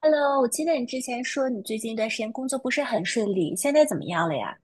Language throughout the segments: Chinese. Hello,我记得你之前说你最近一段时间工作不是很顺利，现在怎么样了呀？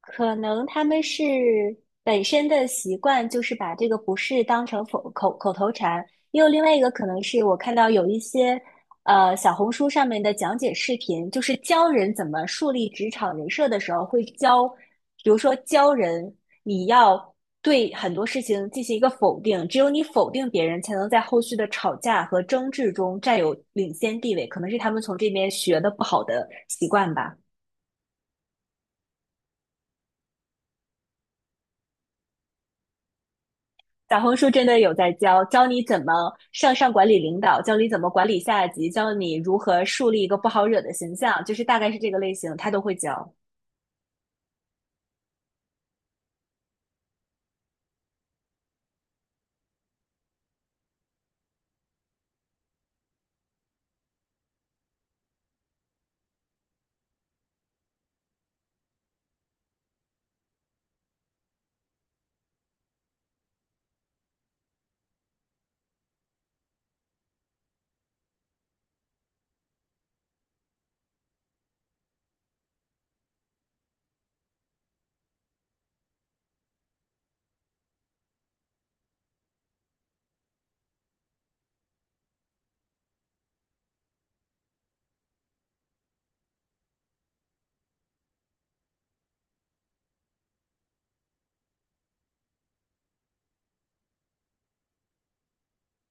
可能他们是本身的习惯，就是把这个不适当成否口口头禅。也有另外一个可能是我看到有一些小红书上面的讲解视频，就是教人怎么树立职场人设的时候，会教，比如说教人你要对很多事情进行一个否定，只有你否定别人，才能在后续的吵架和争执中占有领先地位。可能是他们从这边学的不好的习惯吧。小红书真的有在教，教你怎么上管理领导，教你怎么管理下级，教你如何树立一个不好惹的形象，就是大概是这个类型，他都会教。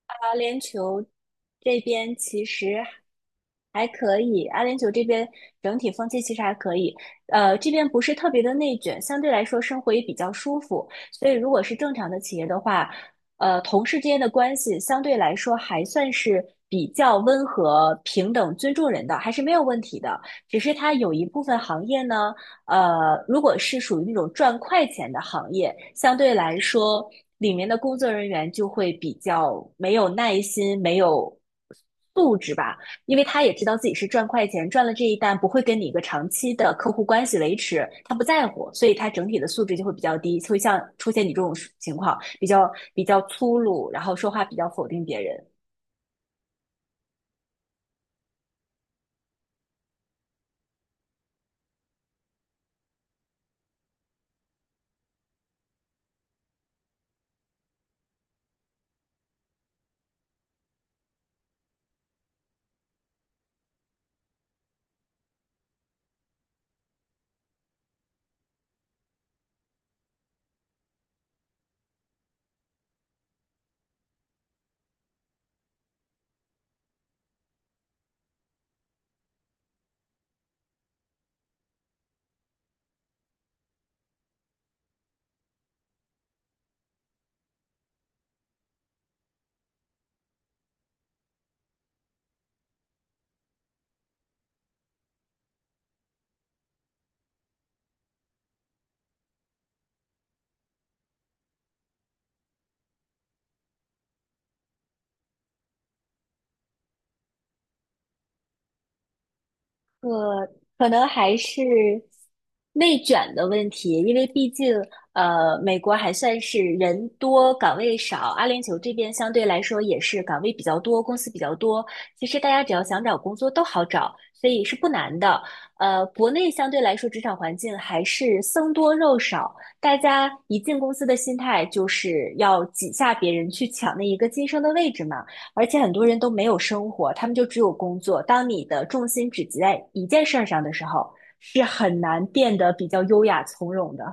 啊，联酋这边其实还可以，阿联酋这边整体风气其实还可以，这边不是特别的内卷，相对来说生活也比较舒服，所以如果是正常的企业的话，同事之间的关系相对来说还算是比较温和、平等、尊重人的，还是没有问题的。只是它有一部分行业呢，如果是属于那种赚快钱的行业，相对来说里面的工作人员就会比较没有耐心，没有。素质吧。因为他也知道自己是赚快钱，赚了这一单不会跟你一个长期的客户关系维持，他不在乎，所以他整体的素质就会比较低，会像出现你这种情况，比较粗鲁，然后说话比较否定别人。呃，可能还是内卷的问题，因为毕竟美国还算是人多岗位少，阿联酋这边相对来说也是岗位比较多，公司比较多。其实大家只要想找工作都好找，所以是不难的。国内相对来说职场环境还是僧多肉少，大家一进公司的心态就是要挤下别人去抢那一个晋升的位置嘛。而且很多人都没有生活，他们就只有工作。当你的重心只集在一件事儿上的时候，是很难变得比较优雅从容的。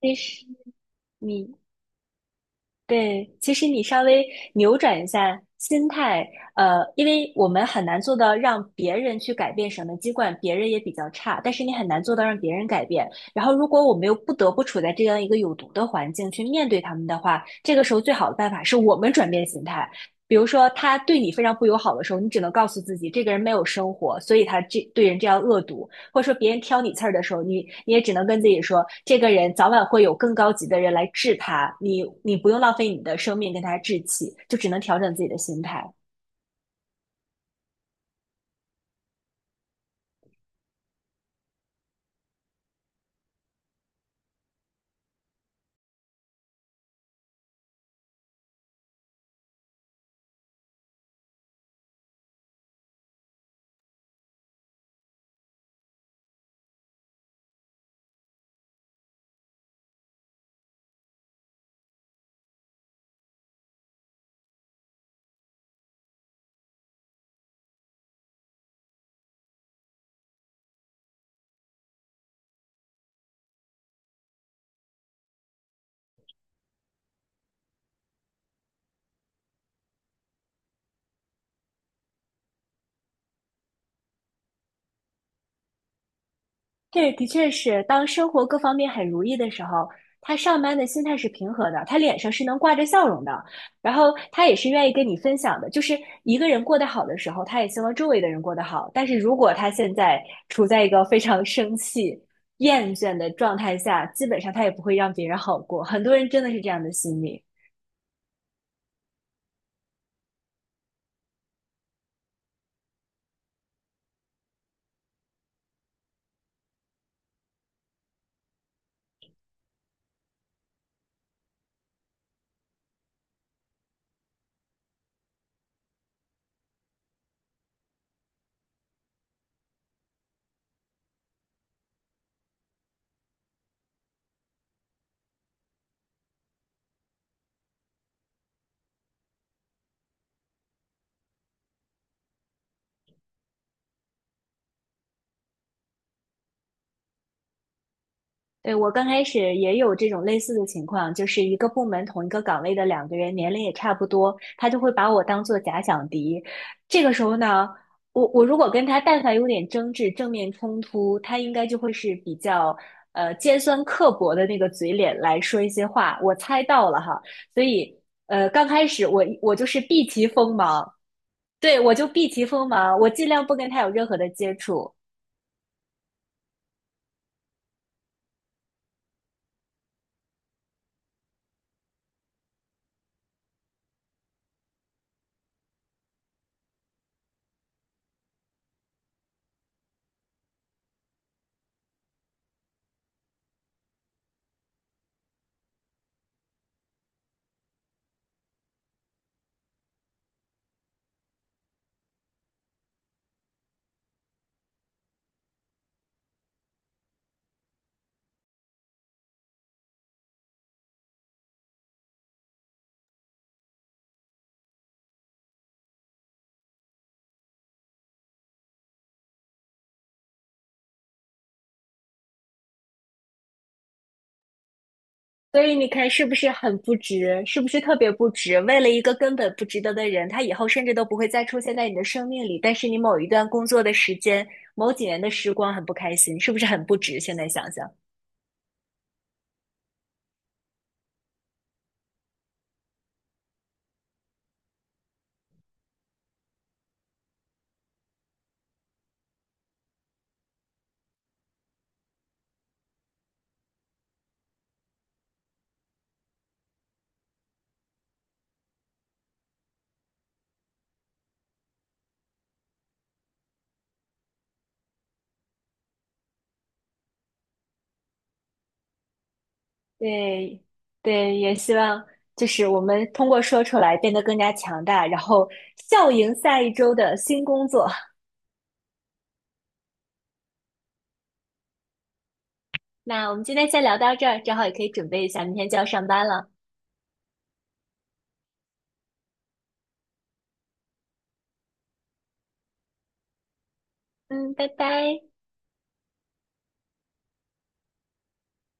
其实你对，其实你稍微扭转一下心态，因为我们很难做到让别人去改变什么籍贯，尽管别人也比较差，但是你很难做到让别人改变。然后，如果我们又不得不处在这样一个有毒的环境去面对他们的话，这个时候最好的办法是我们转变心态。比如说，他对你非常不友好的时候，你只能告诉自己，这个人没有生活，所以他这对人这样恶毒。或者说别人挑你刺儿的时候，你也只能跟自己说，这个人早晚会有更高级的人来治他，你不用浪费你的生命跟他置气，就只能调整自己的心态。对，的确是，当生活各方面很如意的时候，他上班的心态是平和的，他脸上是能挂着笑容的，然后他也是愿意跟你分享的。就是一个人过得好的时候，他也希望周围的人过得好。但是如果他现在处在一个非常生气、厌倦的状态下，基本上他也不会让别人好过。很多人真的是这样的心理。对，我刚开始也有这种类似的情况，就是一个部门同一个岗位的两个人，年龄也差不多，他就会把我当做假想敌。这个时候呢，我如果跟他但凡有点争执、正面冲突，他应该就会是比较尖酸刻薄的那个嘴脸来说一些话。我猜到了哈，所以刚开始我就是避其锋芒，对，我就避其锋芒，我尽量不跟他有任何的接触。所以你看，是不是很不值？是不是特别不值？为了一个根本不值得的人，他以后甚至都不会再出现在你的生命里。但是你某一段工作的时间，某几年的时光很不开心，是不是很不值？现在想想，对，对，也希望就是我们通过说出来变得更加强大，然后笑迎下一周的新工作。那我们今天先聊到这儿，正好也可以准备一下，明天就要上班了。嗯，拜拜。